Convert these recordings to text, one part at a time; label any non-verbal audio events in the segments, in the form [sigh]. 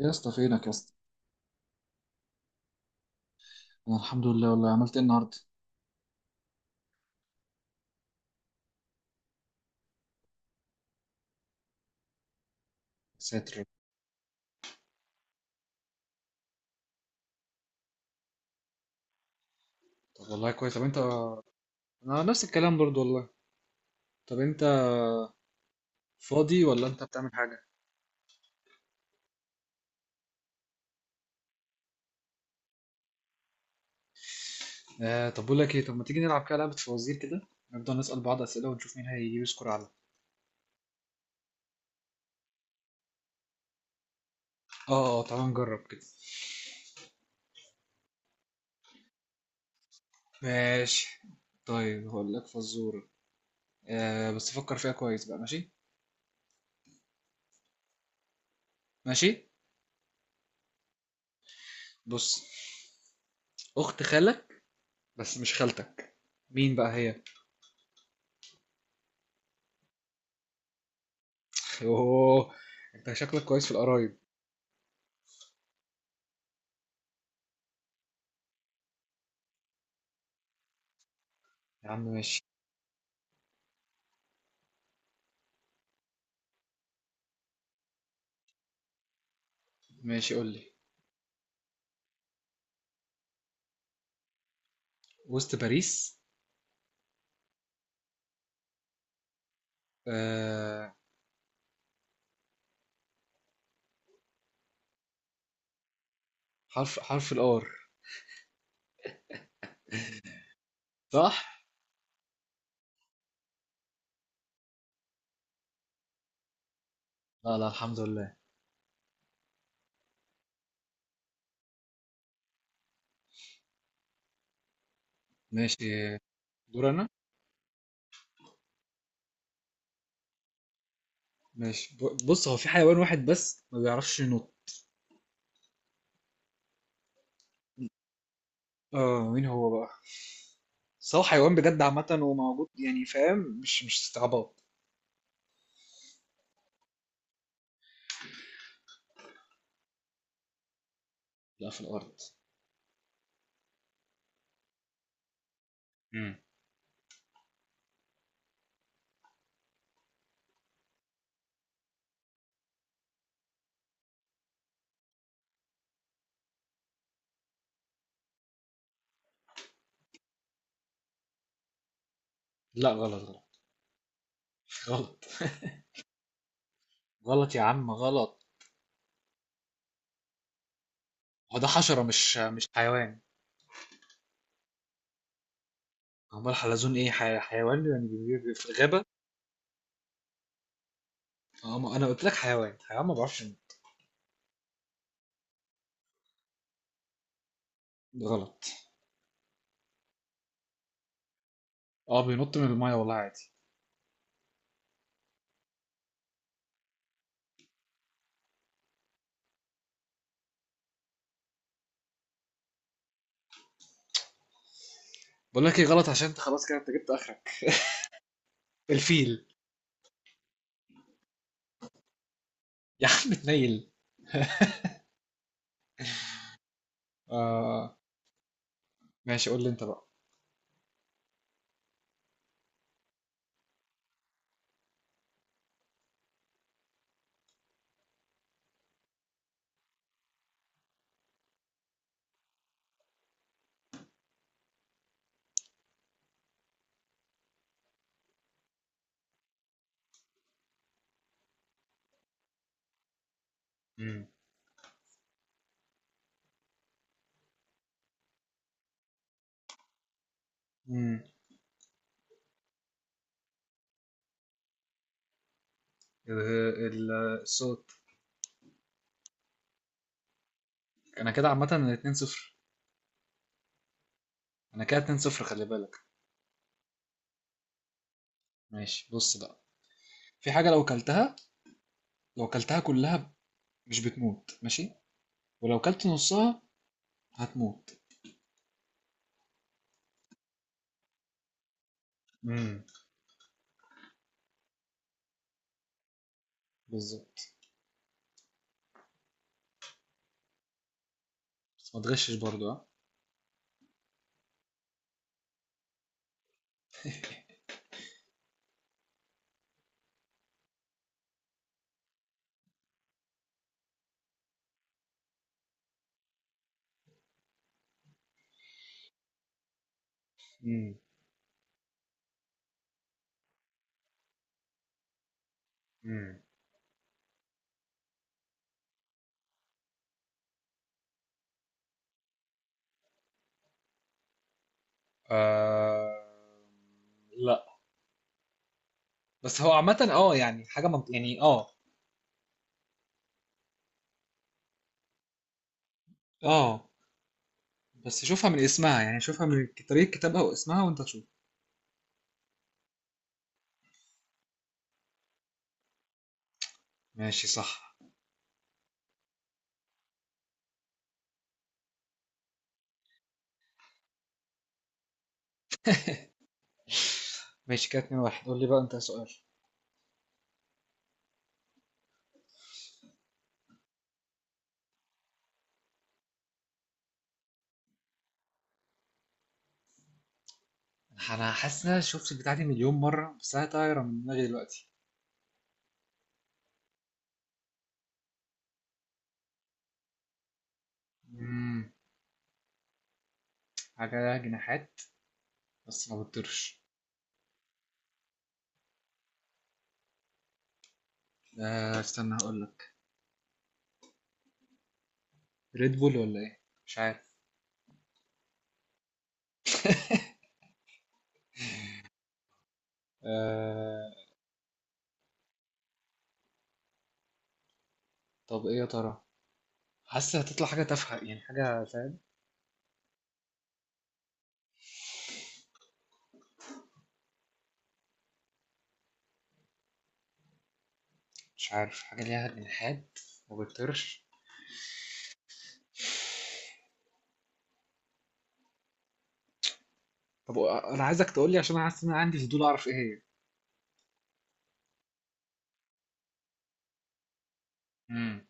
يا اسطى فينك يا اسطى. انا الحمد لله، والله عملت ايه النهارده؟ ساتر. طب والله كويس، طب انت؟ انا نفس الكلام برضو والله. طب انت فاضي ولا انت بتعمل حاجه؟ آه، طب بقول لك ايه، طب ما تيجي نلعب كده لعبه فوازير كده، نفضل نسال بعض اسئله ونشوف مين هيجيب سكور اعلى. اه اه، تعال نجرب كده. ماشي، طيب هقول لك فزوره. آه بس فكر فيها كويس بقى، ماشي؟ ماشي، بص، اخت خالك بس مش خالتك، مين بقى هي؟ [laughs] اوه، انت شكلك كويس في القرايب. يا عم ماشي. ماشي قول لي. وسط باريس. آه، حرف، حرف الار. صح. لا لا، الحمد لله. ماشي، دور انا. ماشي، بص، هو في حيوان واحد بس ما بيعرفش ينط. اه مين هو بقى؟ بس هو حيوان بجد عامة وموجود يعني، فاهم؟ مش استعباط. لا في الارض. امم. لا غلط غلط. [laughs] غلط. غلط يا عم غلط. هو ده حشرة مش حيوان. امال حلزون ايه؟ حيوان يعني في الغابة. اه ما انا قلت لك حيوان، حيوان ما بيعرفش ينط. غلط. اه بينط من المايه والله عادي. بقول لك ايه غلط، عشان انت خلاص كده انت جبت اخرك. الفيل [laughs] يا عم اتنيل. آه ماشي، قول لي انت بقى. مم. امم، الصوت. انا كده عامه 2-0. انا كده 2-0، خلي بالك. ماشي بص بقى، في حاجه لو كلتها، لو كلتها كلها مش بتموت، ماشي؟ ولو كلت نصها هتموت. مم. بالظبط. بس ما تغشش برضو ها. امم. مم. آه... لا، بس هو عامة اه يعني حاجة يعني اه. اه، بس شوفها من اسمها يعني، شوفها من طريقة كتابها واسمها وانت تشوف. ماشي صح. ماشي كده 2-1، قول لي بقى انت سؤال. انا حاسس ان انا شفت البتاع دي 1,000,000 مرة بس انا طايرة من دماغي دلوقتي. امم، حاجة لها جناحات بس ما بتطيرش. آه استنى هقول لك، ريد بول ولا ايه؟ مش عارف. آه، طب ايه يا ترى؟ حاسس هتطلع حاجة تافهة يعني، حاجة فاهم. مش عارف، حاجة ليها جناحات ما بتطيرش. طب انا عايزك تقول لي عشان انا حاسس ان انا عندي فضول اعرف ايه هي. امم،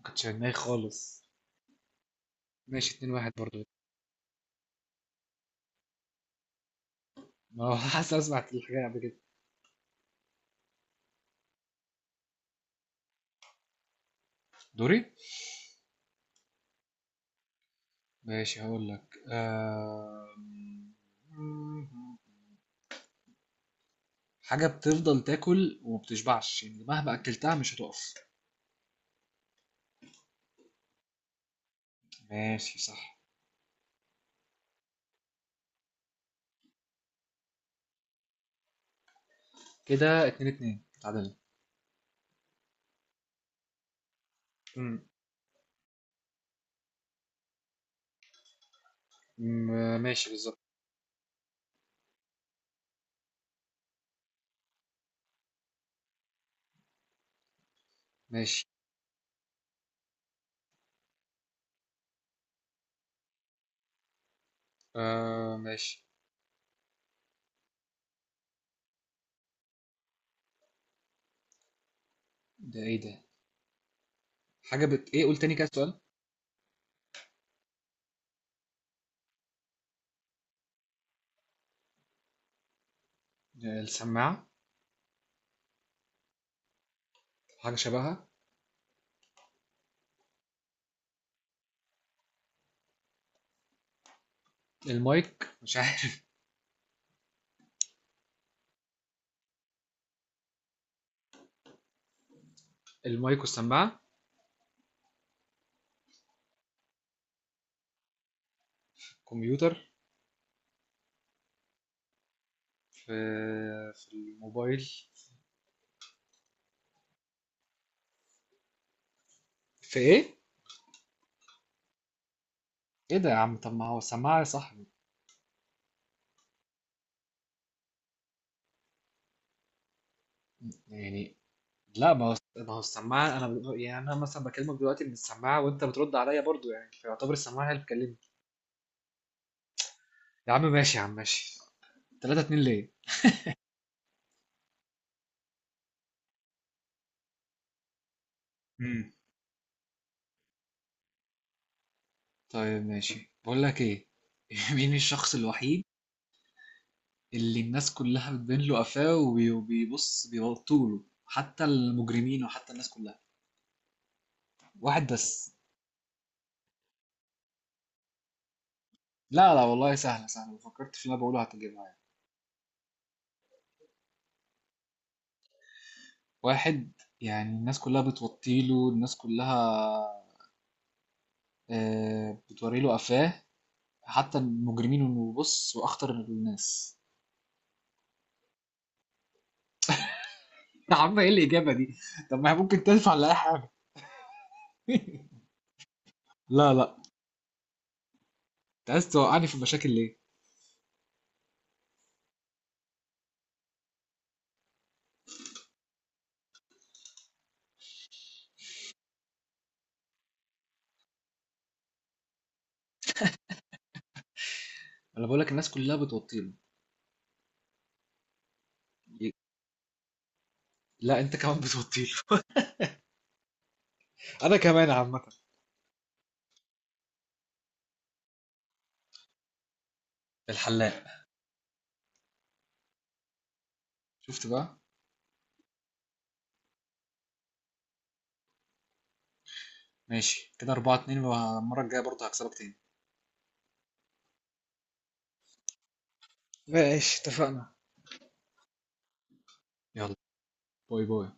ما كنتش في دماغي خالص. ماشي 2-1 برضه. ما هو [laughs] حاسس اسمع الحكاية قبل كده. دوري. ماشي هقول لك حاجة بتفضل تاكل ومبتشبعش يعني مهما أكلتها مش هتقف. ماشي صح. كده 2-2 تعادل. مم، ماشي بالظبط. ماشي. آه ماشي. ده ايه ده؟ حاجة بت قول تاني كده السؤال. السماعة. حاجة شبهها. المايك، مش عارف. [laughs] المايك والسماعة. كمبيوتر. في في الموبايل. في ايه؟ إيه ده يا عم؟ طب ما هو السماعة يا صاحبي. يعني. لا، ما هو السماعة، أنا يعني أنا مثلا بكلمك دلوقتي من السماعة وأنت بترد عليا برضو، يعني فيعتبر السماعة هي اللي بتكلمني. يا عم ماشي، يا عم ماشي. 3-2 ليه؟ امم. طيب ماشي، بقول لك إيه. [laughs] مين الشخص الوحيد اللي الناس كلها بتبين له قفاه وبيبص بيبطوا له حتى المجرمين وحتى الناس كلها، واحد بس. لا لا والله سهلة سهلة، لو فكرت في اللي أنا بقوله هتجيبها يعني. واحد، يعني الناس كلها بتوطيله، الناس كلها، آه، بتوري له قفاه حتى المجرمين، انه بص واخطر الناس. [laughs] يا عم ايه الاجابه دي؟ طب ما هي ممكن تنفع لاي حاجه. [laughs] لا لا، انت عايز توقعني في مشاكل ليه؟ انا بقول لك الناس كلها بتوطيله. لا انت كمان بتوطيله. [laughs] انا كمان عامه. الحلاق. شفت بقى؟ ماشي، كده 4-2، والمره الجايه برضه هكسبك تاني. ماشي اتفقنا. يلا، باي باي.